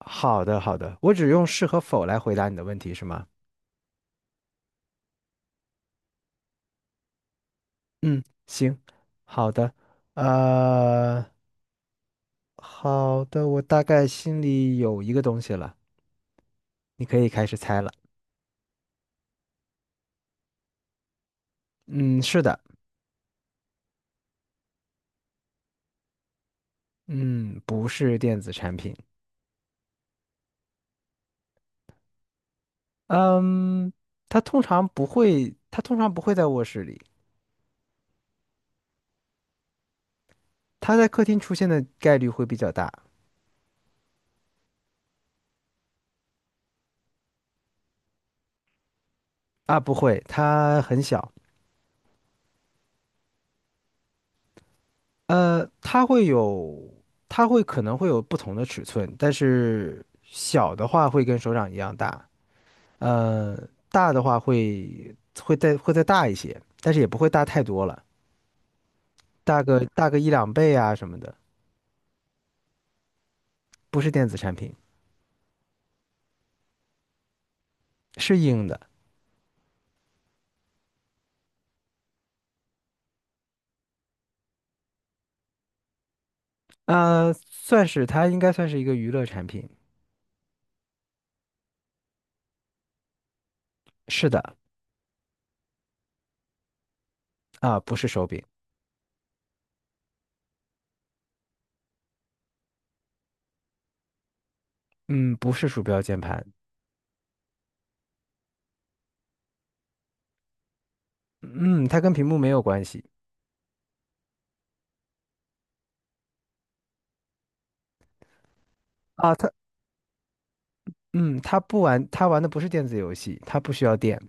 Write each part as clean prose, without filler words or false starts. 好的，好的，我只用是和否来回答你的问题是吗？嗯，行，好的，呃，好的，我大概心里有一个东西了，你可以开始猜了。嗯，是的。嗯，不是电子产品。嗯，它通常不会在卧室里。它在客厅出现的概率会比较大。啊，不会，它很小。呃，它会有，它可能会有不同的尺寸，但是小的话会跟手掌一样大。呃，大的话会会再大一些，但是也不会大太多了，大个一两倍啊什么的。不是电子产品，是硬的。算是，它应该算是一个娱乐产品。是的。啊，不是手柄。嗯，不是鼠标键盘。嗯，它跟屏幕没有关系。啊，它，嗯，它玩的不是电子游戏，它不需要电。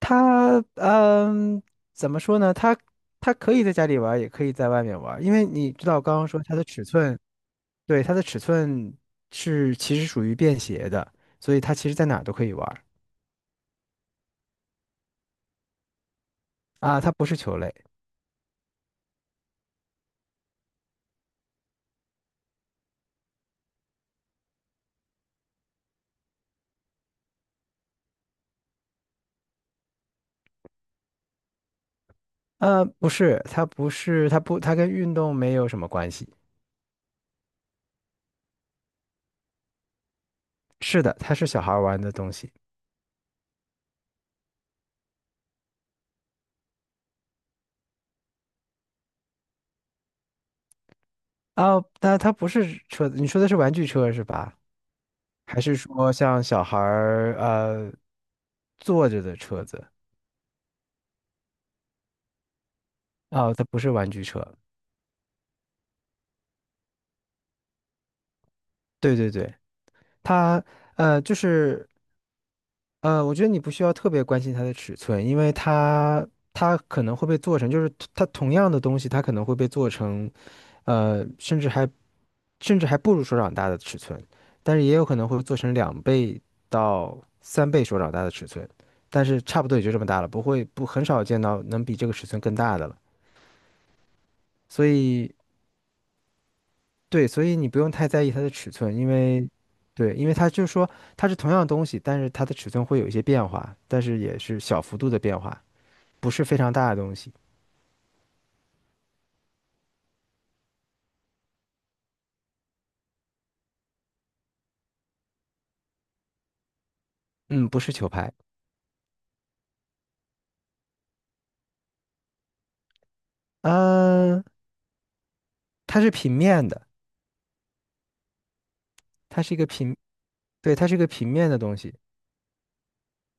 它嗯，怎么说呢？它可以在家里玩儿也可以在外面玩儿，因为你知道我刚刚说它的尺寸。对，它的尺寸是其实属于便携的，所以它其实在哪儿都可以玩儿。啊，它不是球类。呃，不是，它不是，它不，它跟运动没有什么关系。是的，它是小孩儿玩的东西。啊，但它不是车，你说的是玩具车是吧？还是说像小孩儿坐着的车子？哦，它不是玩具车。对对对，它呃，就是我觉得你不需要特别关心它的尺寸，因为它可能会被做成，就是它同样的东西，它可能会被做成甚至还不如手掌大的尺寸，但是也有可能会做成两倍到三倍手掌大的尺寸，但是差不多也就这么大了，不会，不很少见到能比这个尺寸更大的了，所以。对，所以你不用太在意它的尺寸，因为，对，因为它就是说它是同样的东西，但是它的尺寸会有一些变化，但是也是小幅度的变化，不是非常大的东西。嗯，不是球拍。嗯、它是平面的，它是一个平，对，它是一个平面的东西。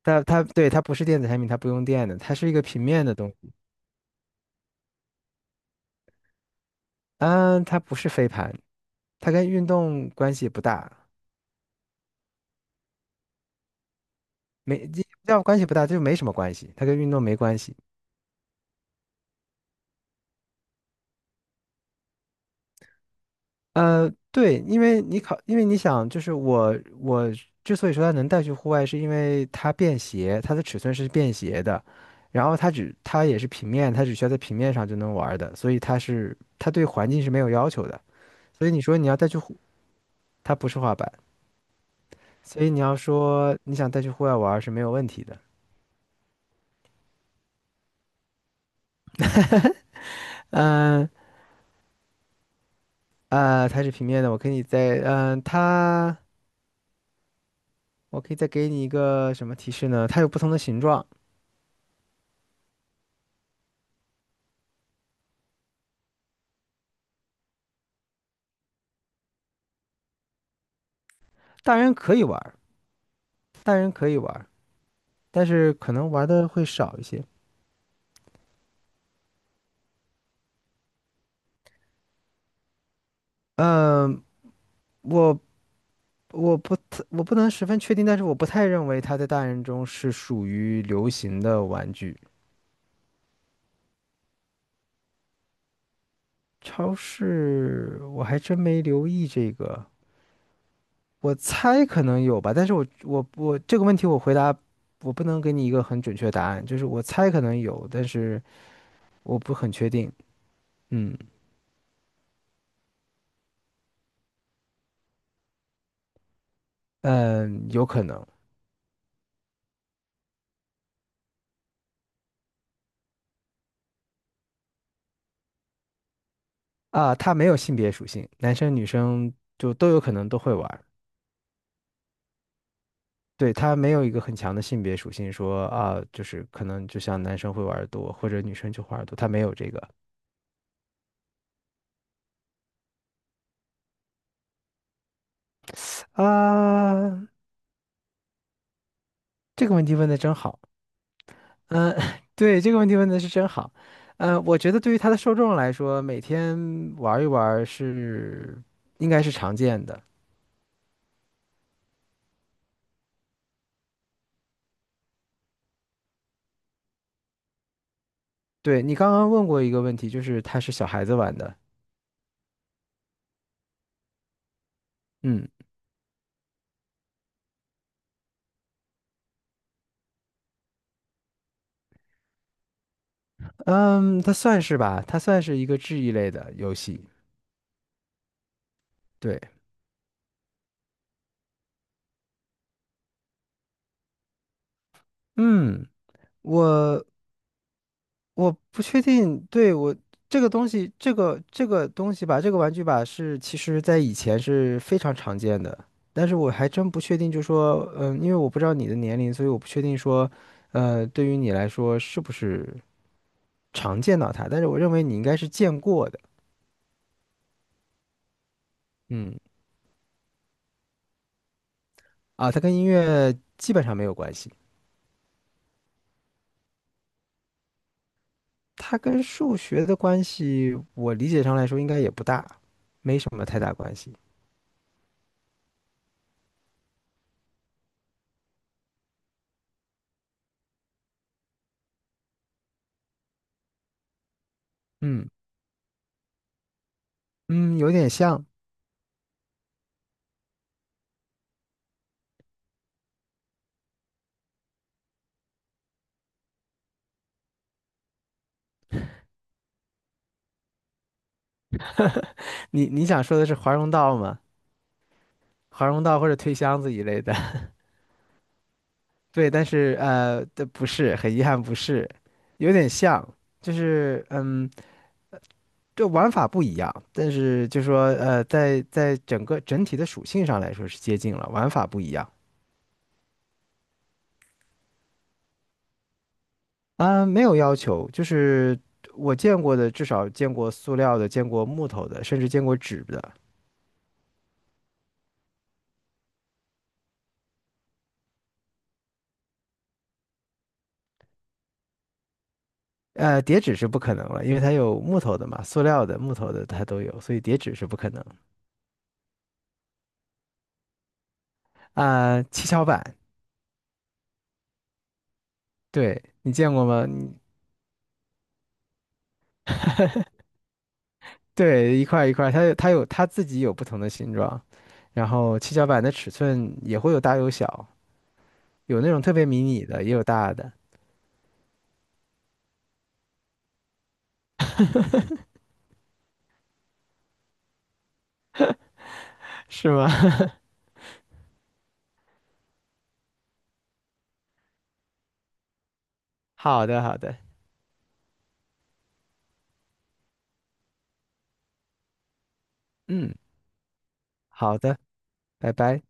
它不是电子产品，它不用电的，它是一个平面的东西。嗯，它不是飞盘，它跟运动关系不大。没，要关系不大，就没什么关系，它跟运动没关系。对，因为因为你想，就是我之所以说它能带去户外，是因为它便携，它的尺寸是便携的，然后它也是平面，它只需要在平面上就能玩儿的，所以它是它对环境是没有要求的。所以你说你要带去户，它不是滑板，所以你要说你想带去户外玩儿是没有问题的。嗯它是平面的，我可以再给你一个什么提示呢？它有不同的形状。大人可以玩儿，大人可以玩，但是可能玩的会少一些。嗯，我我不能十分确定，但是我不太认为它在大人中是属于流行的玩具。超市我还真没留意这个，我猜可能有吧，但是我这个问题我回答，我不能给你一个很准确的答案，就是我猜可能有，但是我不很确定。嗯嗯，有可能。啊，它没有性别属性，男生女生就都有可能都会玩。对，他没有一个很强的性别属性，说啊，就是可能就像男生会玩的多，或者女生就玩多，多。它没有这个。啊，这个问题问的真好。嗯，对，这个问题问的是真好。嗯，我觉得对于他的受众来说，每天玩一玩是应该是常见的。对，你刚刚问过一个问题，就是它是小孩子玩的。嗯。嗯，它算是吧，它算是一个治愈类的游戏。对。嗯。我我不确定。对，这个东西，这个东西吧，这个玩具吧是其实在以前是非常常见的，但是我还真不确定，就说，嗯，因为我不知道你的年龄，所以我不确定说，对于你来说是不是常见到它，但是我认为你应该是见过的。嗯。啊，它跟音乐基本上没有关系。它跟数学的关系，我理解上来说应该也不大，没什么太大关系。嗯嗯，有点像。你想说的是华容道吗？华容道或者推箱子一类的。对，但是这不是，很遗憾不是，有点像。就是嗯，这玩法不一样，但是就说在整个整体的属性上来说是接近了，玩法不一样。啊、没有要求，就是我见过的，至少见过塑料的，见过木头的，甚至见过纸的。呃，叠纸是不可能了，因为它有木头的嘛，塑料的、木头的它都有，所以叠纸是不可能。啊、七巧板。对，你见过吗？对，一块一块，它自己有不同的形状，然后七巧板的尺寸也会有大有小，有那种特别迷你的，也有大的。是吗？好的，好的。嗯，好的。拜拜。